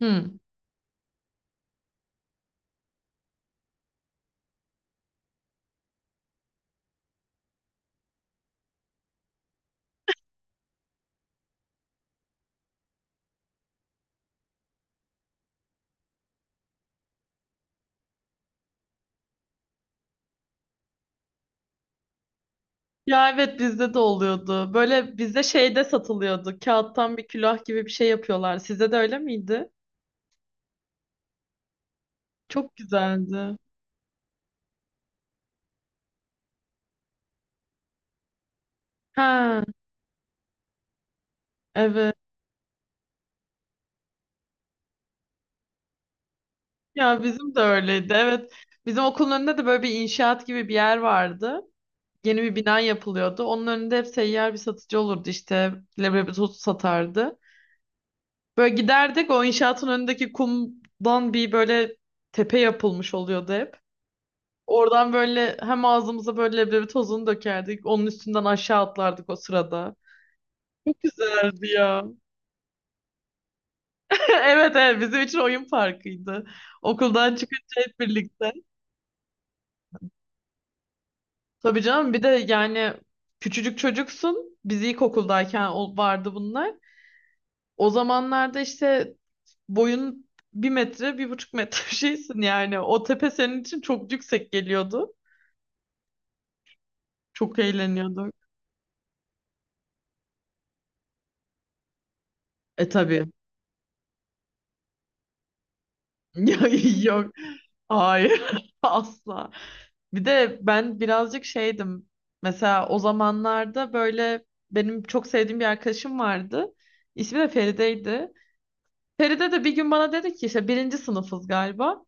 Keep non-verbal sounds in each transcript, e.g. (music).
Hı. Ya evet bizde de oluyordu. Böyle bizde şeyde satılıyordu. Kağıttan bir külah gibi bir şey yapıyorlar. Sizde de öyle miydi? Çok güzeldi. Ha, evet. Ya bizim de öyleydi. Evet. Bizim okulun önünde de böyle bir inşaat gibi bir yer vardı. Yeni bir bina yapılıyordu. Onun önünde hep seyyar bir satıcı olurdu işte. Leblebi tozu satardı. Böyle giderdik, o inşaatın önündeki kumdan bir böyle tepe yapılmış oluyordu hep. Oradan böyle hem ağzımıza böyle leblebi tozunu dökerdik. Onun üstünden aşağı atlardık o sırada. Çok güzeldi ya. (laughs) Evet evet, bizim için oyun parkıydı. Okuldan çıkınca hep birlikte. Tabii canım, bir de yani küçücük çocuksun. Biz ilkokuldayken vardı bunlar. O zamanlarda işte boyun bir metre, bir buçuk metre (laughs) şeysin yani. O tepe senin için çok yüksek geliyordu. Çok eğleniyorduk. E tabii. (laughs) Yok. Hayır. (laughs) Asla. Bir de ben birazcık şeydim. Mesela o zamanlarda böyle benim çok sevdiğim bir arkadaşım vardı. İsmi de Feride'ydi. Feride de bir gün bana dedi ki, işte birinci sınıfız galiba.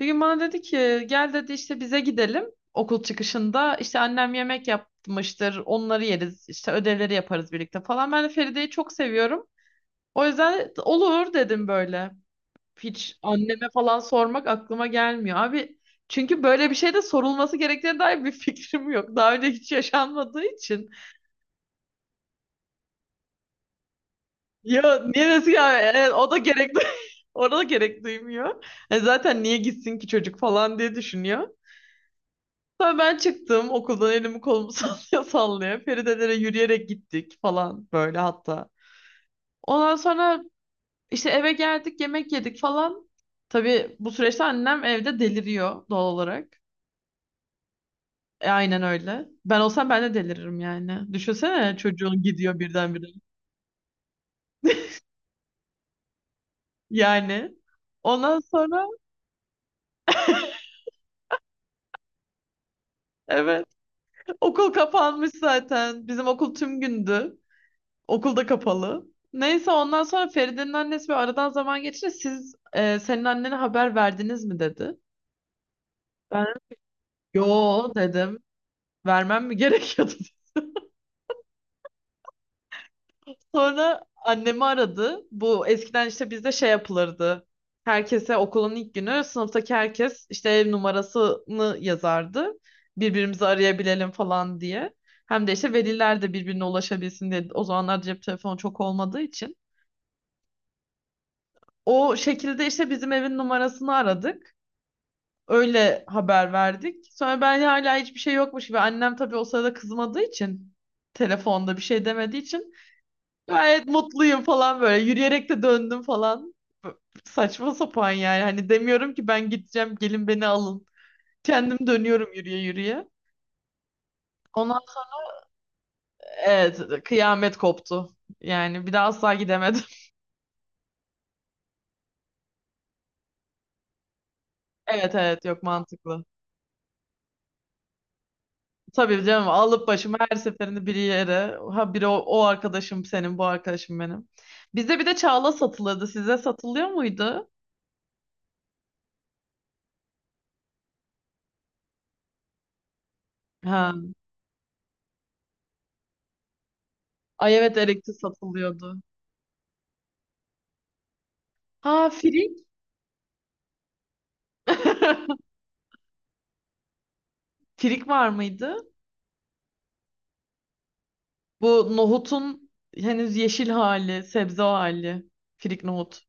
Bir gün bana dedi ki gel dedi, işte bize gidelim okul çıkışında. İşte annem yemek yapmıştır, onları yeriz, işte ödevleri yaparız birlikte falan. Ben de Feride'yi çok seviyorum. O yüzden olur dedim böyle. Hiç anneme falan sormak aklıma gelmiyor. Abi, çünkü böyle bir şey de sorulması gerektiğine dair bir (laughs) fikrim yok. Daha önce hiç yaşanmadığı için. Ya niye desin ya, o da gerek (laughs) orada da gerek duymuyor. Zaten niye gitsin ki çocuk falan diye düşünüyor. Sonra ben çıktım okuldan, elimi kolumu (laughs) sallaya sallaya. Feridelere yürüyerek gittik falan böyle hatta. Ondan sonra işte eve geldik, yemek yedik falan. Tabii bu süreçte annem evde deliriyor doğal olarak. Aynen öyle. Ben olsam ben de deliririm yani. Düşünsene, çocuğun gidiyor birdenbire. Yani. Ondan sonra, evet, okul kapanmış zaten. Bizim okul tüm gündü. Okul da kapalı. Neyse, ondan sonra Feride'nin annesi bir aradan zaman geçince siz senin annene haber verdiniz mi dedi. Ben yo dedim. Vermem mi (laughs) gerekiyordu? Sonra annemi aradı. Bu eskiden işte bizde şey yapılırdı. Herkese, okulun ilk günü sınıftaki herkes işte ev numarasını yazardı. Birbirimizi arayabilelim falan diye. Hem de işte veliler de birbirine ulaşabilsin diye. O zamanlar cep telefonu çok olmadığı için. O şekilde işte bizim evin numarasını aradık. Öyle haber verdik. Sonra ben hala hiçbir şey yokmuş gibi. Annem tabii o sırada kızmadığı için, telefonda bir şey demediği için gayet mutluyum falan böyle. Yürüyerek de döndüm falan. Saçma sapan yani. Hani demiyorum ki ben gideceğim, gelin beni alın. Kendim dönüyorum yürüye yürüye. Ona, evet, kıyamet koptu. Yani bir daha asla gidemedim. (laughs) Evet evet, yok, mantıklı. Tabii canım, alıp başımı her seferinde bir yere. Ha biri o arkadaşım, senin bu arkadaşım benim. Bizde bir de çağla satılırdı. Size satılıyor muydu? Ha. Ay evet, Erik'te satılıyordu. Ha, firik. (laughs) Firik var mıydı? Bu nohutun henüz yeşil hali, sebze hali. Firik nohut.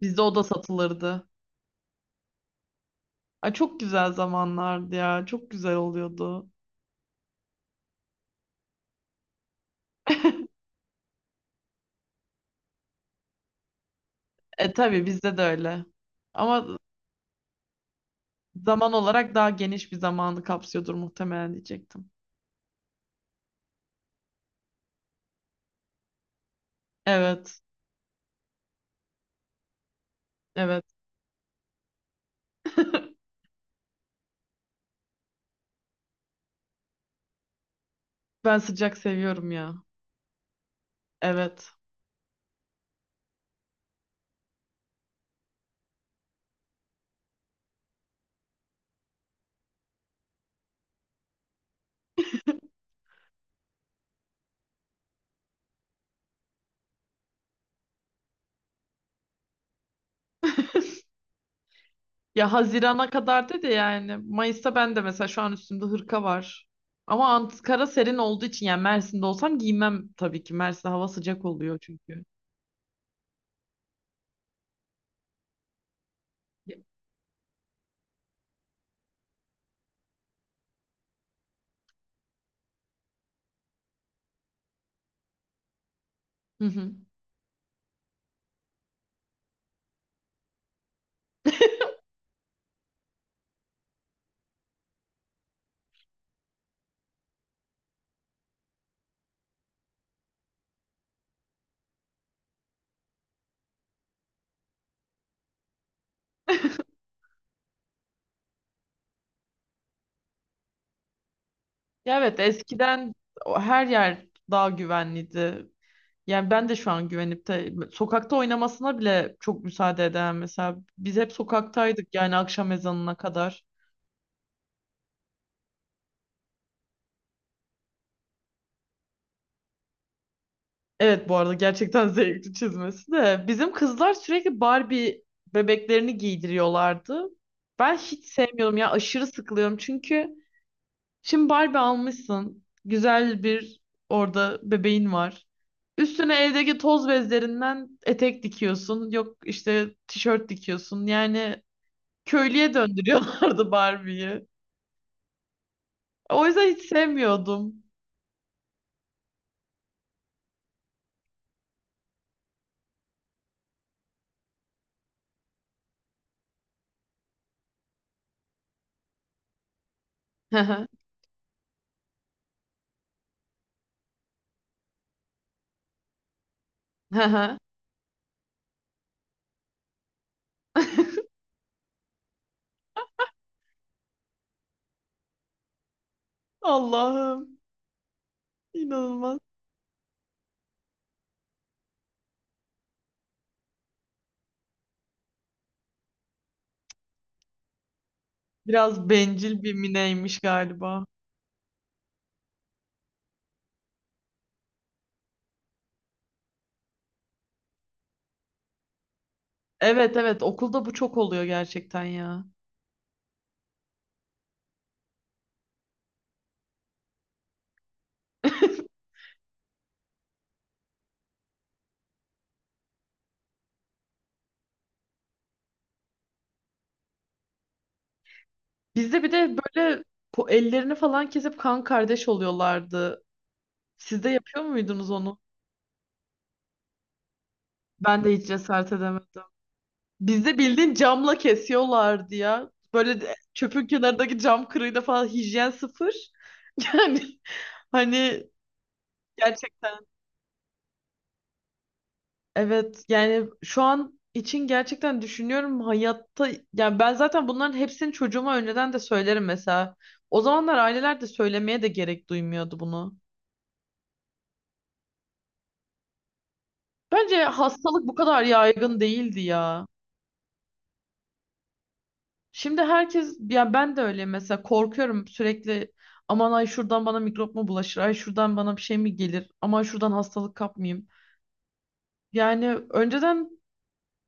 Bizde o da satılırdı. Ay çok güzel zamanlardı ya. Çok güzel oluyordu. (laughs) E tabii, bizde de öyle. Ama zaman olarak daha geniş bir zamanı kapsıyordur muhtemelen diyecektim. Evet. Evet. (laughs) Ben sıcak seviyorum ya. Evet. Ya Haziran'a kadar dedi yani. Mayıs'ta ben de mesela şu an üstümde hırka var. Ama Ankara serin olduğu için, yani Mersin'de olsam giymem tabii ki. Mersin'de hava sıcak oluyor çünkü. Hı hı. Ya evet, eskiden her yer daha güvenliydi. Yani ben de şu an güvenip de sokakta oynamasına bile çok müsaade eden, mesela biz hep sokaktaydık yani, akşam ezanına kadar. Evet, bu arada gerçekten (laughs) zevkli çizmesi de. Bizim kızlar sürekli Barbie bebeklerini giydiriyorlardı. Ben hiç sevmiyorum ya, aşırı sıkılıyorum çünkü şimdi Barbie almışsın. Güzel bir, orada bebeğin var. Üstüne evdeki toz bezlerinden etek dikiyorsun. Yok, işte tişört dikiyorsun. Yani köylüye döndürüyorlardı (laughs) Barbie'yi. O yüzden hiç sevmiyordum. (laughs) Allah'ım, inanılmaz. Biraz bencil bir mineymiş galiba. Evet evet, okulda bu çok oluyor gerçekten ya. (laughs) Bizde bir de böyle ellerini falan kesip kan kardeş oluyorlardı. Siz de yapıyor muydunuz onu? Ben de hiç cesaret edemedim. Bizde bildiğin camla kesiyorlardı ya. Böyle çöpün kenarındaki cam kırığıyla falan, hijyen sıfır. (laughs) Yani hani, gerçekten. Evet yani şu an için gerçekten düşünüyorum hayatta, yani ben zaten bunların hepsini çocuğuma önceden de söylerim mesela. O zamanlar aileler de söylemeye de gerek duymuyordu bunu. Bence hastalık bu kadar yaygın değildi ya. Şimdi herkes, ya ben de öyle mesela, korkuyorum sürekli, aman ay şuradan bana mikrop mu bulaşır, ay şuradan bana bir şey mi gelir, aman şuradan hastalık kapmayayım. Yani önceden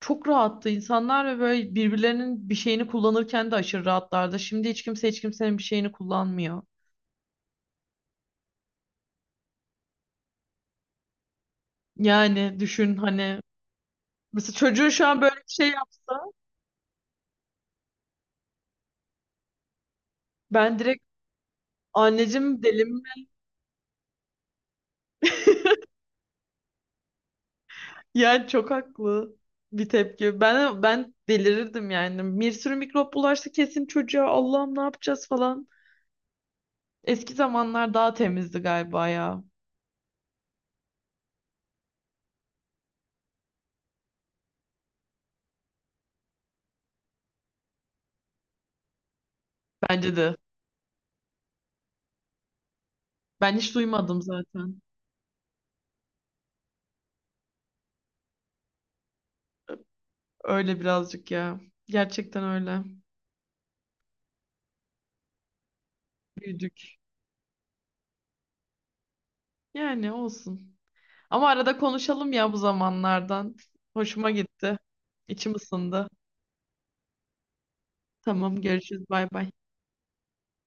çok rahattı insanlar ve böyle birbirlerinin bir şeyini kullanırken de aşırı rahatlardı. Şimdi hiç kimse hiç kimsenin bir şeyini kullanmıyor. Yani düşün hani, mesela çocuğun şu an böyle bir şey yapsa, ben direkt anneciğim deli mi? Yani çok haklı bir tepki. Ben delirirdim yani. Bir sürü mikrop bulaşsa kesin çocuğa, Allah'ım ne yapacağız falan. Eski zamanlar daha temizdi galiba ya. Bence de. Ben hiç duymadım zaten. Öyle birazcık ya. Gerçekten öyle. Büyüdük. Yani olsun. Ama arada konuşalım ya bu zamanlardan. Hoşuma gitti. İçim ısındı. Tamam, görüşürüz. Bay bay.